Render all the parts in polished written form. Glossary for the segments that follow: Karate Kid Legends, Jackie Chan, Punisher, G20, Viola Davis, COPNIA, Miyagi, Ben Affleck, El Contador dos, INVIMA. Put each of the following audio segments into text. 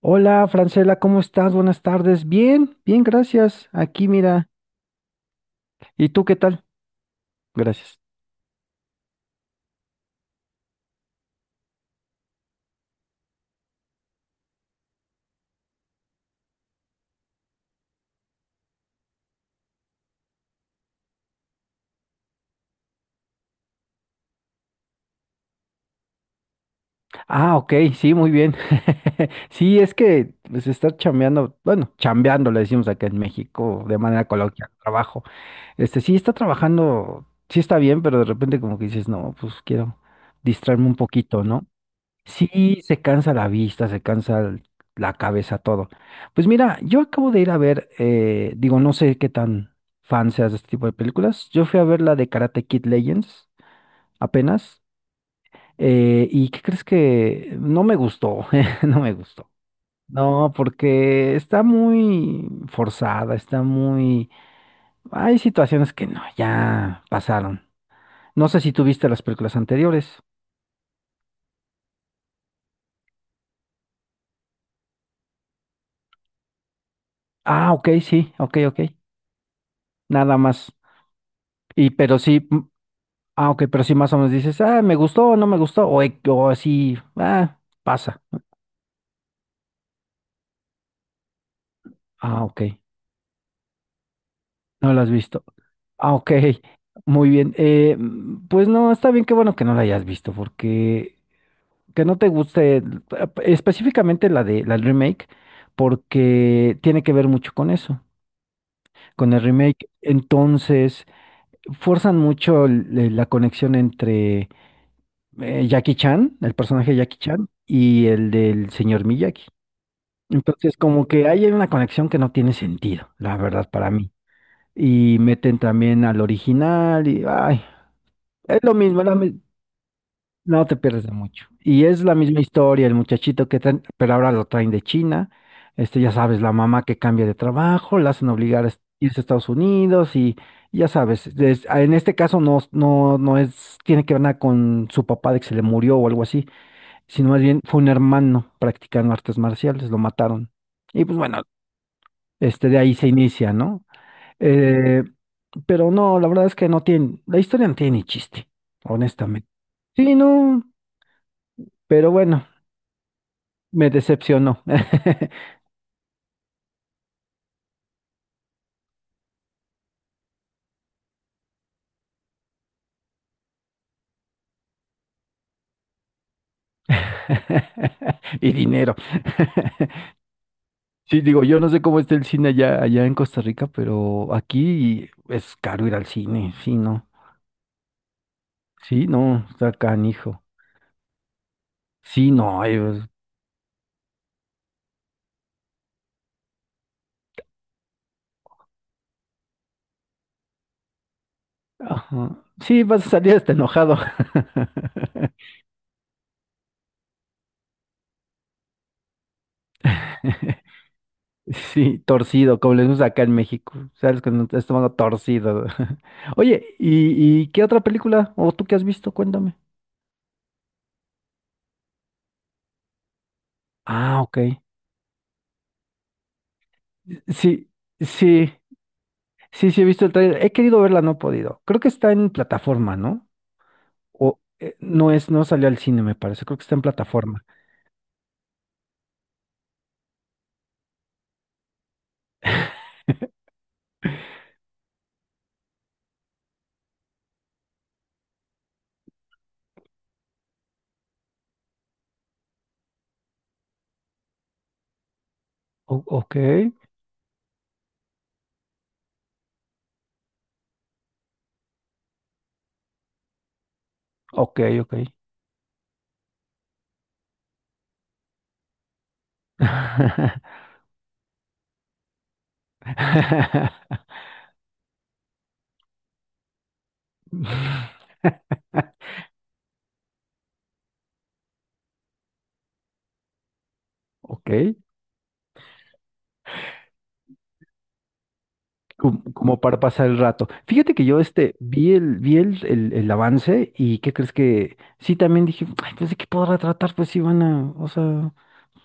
Hola, Francela, ¿cómo estás? Buenas tardes. Bien, bien, gracias. Aquí, mira. ¿Y tú qué tal? Gracias. Ah, ok, sí, muy bien. Sí, es que se está chambeando, bueno, chambeando, le decimos acá en México, de manera coloquial, trabajo. Este, sí, está trabajando, sí está bien, pero de repente como que dices, no, pues quiero distraerme un poquito, ¿no? Sí, se cansa la vista, se cansa la cabeza, todo. Pues mira, yo acabo de ir a ver, digo, no sé qué tan fan seas de este tipo de películas. Yo fui a ver la de Karate Kid Legends apenas. ¿Y qué crees que no me gustó? No me gustó. No, porque está muy forzada, está muy... Hay situaciones que no, ya pasaron. No sé si tú viste las películas anteriores. Ah, ok, sí, ok, ok. Nada más. Y pero sí. Ah, ok, pero sí más o menos dices, ah, me gustó o no me gustó, o, o así, ah, pasa. Ah, ok, no lo has visto. Ah, ok, muy bien. Pues no, está bien, qué bueno que no la hayas visto, porque que no te guste específicamente la de la del remake, porque tiene que ver mucho con eso, con el remake. Entonces, forzan mucho la conexión entre Jackie Chan, el personaje de Jackie Chan, y el del señor Miyagi. Entonces, como que hay una conexión que no tiene sentido, la verdad, para mí. Y meten también al original y, ay, es lo mismo, es no te pierdes de mucho. Y es la misma historia, el muchachito que traen, pero ahora lo traen de China. Este, ya sabes, la mamá que cambia de trabajo, la hacen obligar a irse a Estados Unidos y ya sabes, en este caso no es, tiene que ver nada con su papá de que se le murió o algo así, sino más bien fue un hermano practicando artes marciales, lo mataron. Y pues bueno. Este, de ahí se inicia, ¿no? Eh, pero no, la verdad es que no tiene, la historia no tiene ni chiste, honestamente. Sí, no, pero bueno, me decepcionó. Y dinero. Sí, digo, yo no sé cómo está el cine allá, allá en Costa Rica, pero aquí es caro ir al cine, sí, no. Sí, no, está canijo. Sí, no, ay, pues, ajá. Sí, vas a salir hasta enojado. Sí, torcido, como les gusta acá en México. Sabes que el estómago torcido. Oye, ¿y, qué otra película? ¿O tú qué has visto? Cuéntame. Ah, ok. Sí, sí, sí, he visto el trailer. He querido verla, no he podido. Creo que está en plataforma, ¿no? O no es, no salió al cine, me parece. Creo que está en plataforma. Ok, ok. Ok. Como, como para pasar el rato. Fíjate que yo este vi vi el avance y ¿qué crees que? Sí, también dije, ay, pues de qué podrá tratar, pues sí van a, o sea,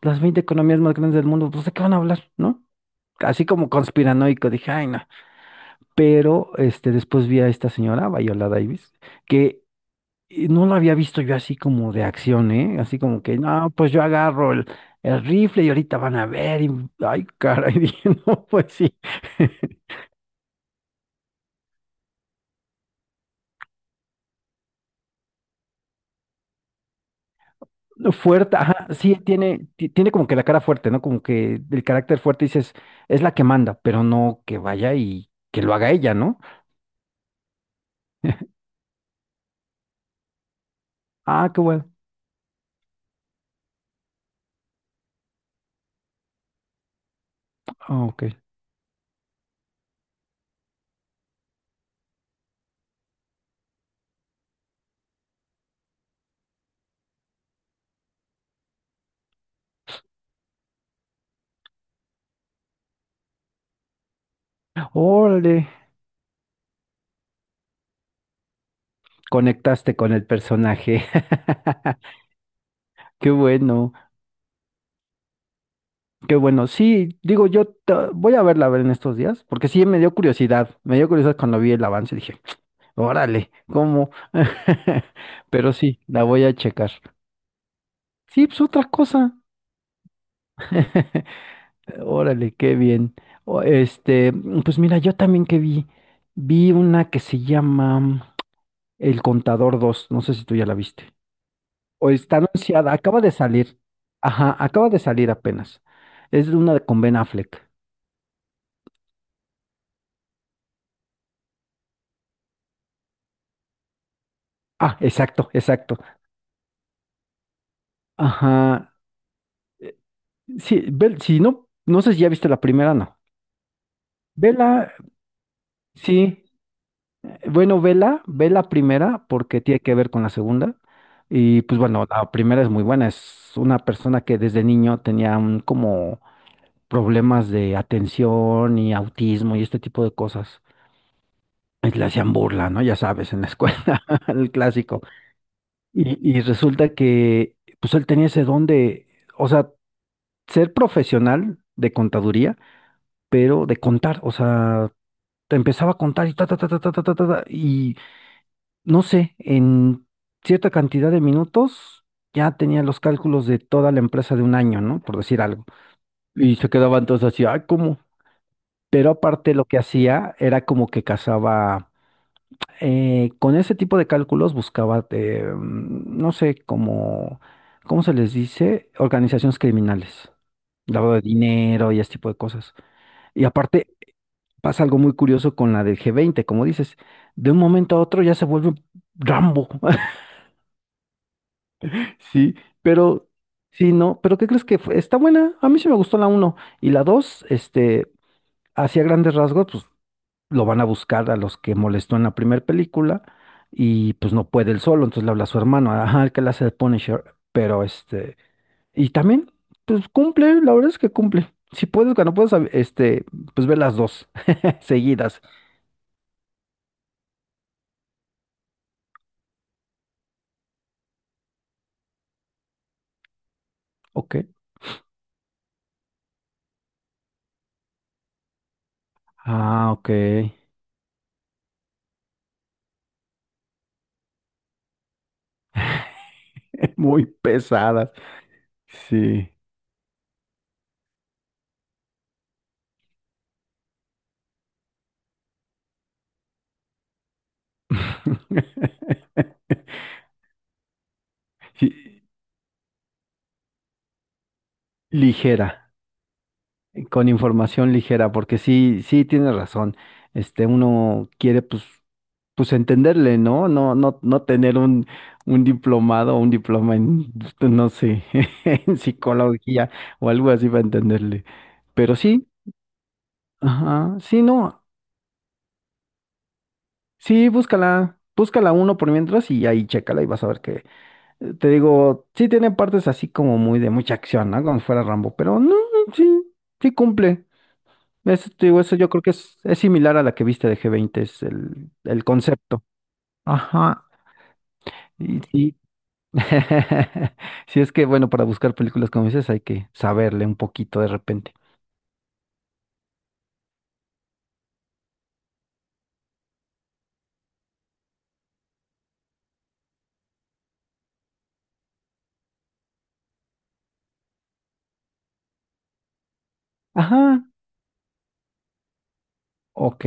las 20 economías más grandes del mundo, pues de qué van a hablar, ¿no? Así como conspiranoico, dije, ay, no. Pero este, después vi a esta señora, Viola Davis, que no la había visto yo así como de acción, ¿eh? Así como que, no, pues yo agarro el rifle y ahorita van a ver, y, ay, caray, dije, no, pues sí. Fuerte, ajá, sí, tiene, tiene como que la cara fuerte, ¿no? Como que el carácter fuerte dices, es la que manda, pero no que vaya y que lo haga ella, ¿no? Ah, qué bueno. Ah, ok. Órale, conectaste con el personaje. Qué bueno, qué bueno. Sí, digo, yo voy a verla a ver en estos días, porque sí me dio curiosidad. Me dio curiosidad cuando vi el avance, dije, órale, ¿cómo? Pero sí, la voy a checar. Sí, pues otra cosa. Órale, qué bien. Este, mm, pues mira, yo también que vi, vi una que se llama El Contador dos, no sé si tú ya la viste. O está anunciada, acaba de salir. Ajá, acaba de salir apenas. Es de una de con Ben Affleck. Ah, exacto, exacto. Ajá. Sí, si no, no sé si ya viste la primera, no. Vela, sí. Bueno, vela, ve la primera porque tiene que ver con la segunda. Y pues bueno, la primera es muy buena. Es una persona que desde niño tenía como problemas de atención y autismo y este tipo de cosas. Y le hacían burla, ¿no? Ya sabes, en la escuela, el clásico. Y resulta que pues él tenía ese don de, o sea, ser profesional de contaduría, pero de contar, o sea, te empezaba a contar y ta, ta, ta, ta, ta, ta, ta, ta, ta, y no sé, en cierta cantidad de minutos ya tenía los cálculos de toda la empresa de un año, ¿no? Por decir algo. Y se quedaban todos así, ay, ¿cómo? Pero aparte lo que hacía era como que cazaba, con ese tipo de cálculos buscaba, no sé, como, ¿cómo se les dice? Organizaciones criminales, lavado de dinero y ese tipo de cosas. Y aparte pasa algo muy curioso con la del G20, como dices, de un momento a otro ya se vuelve Rambo. Sí, pero sí, no, pero ¿qué crees que fue? Está buena, a mí sí me gustó la uno y la 2. Este, hacia grandes rasgos, pues lo van a buscar a los que molestó en la primera película y pues no puede él solo, entonces le habla a su hermano, ajá, el que le hace de Punisher, pero este, y también, pues cumple, la verdad es que cumple. Si puedes, cuando puedes, este, pues ve las dos seguidas, ¿ok? Ah, ok. Muy pesadas. Sí. Sí, ligera. Con información ligera, porque sí, sí tienes razón. Este, uno quiere pues, pues entenderle, ¿no? No tener un diplomado o un diploma en, no sé, en psicología o algo así para entenderle. Pero sí, ajá, sí, no, sí, búscala, búscala uno por mientras y ahí chécala y vas a ver que, te digo, sí tiene partes así como muy de mucha acción, ¿no? Como si fuera Rambo, pero no, sí, sí cumple. Eso, te digo, eso yo creo que es similar a la que viste de G20, es el concepto. Ajá. Y sí. Si es que, bueno, para buscar películas como dices, hay que saberle un poquito de repente. Ajá. Ok.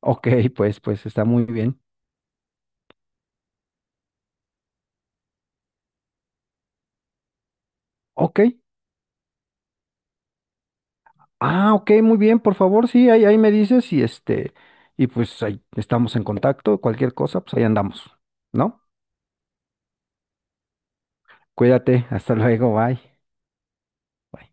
Ok, pues, pues está muy bien. Ok. Ah, ok, muy bien, por favor, sí, ahí, ahí me dices y este, y pues ahí estamos en contacto, cualquier cosa, pues ahí andamos, ¿no? Cuídate, hasta luego, bye.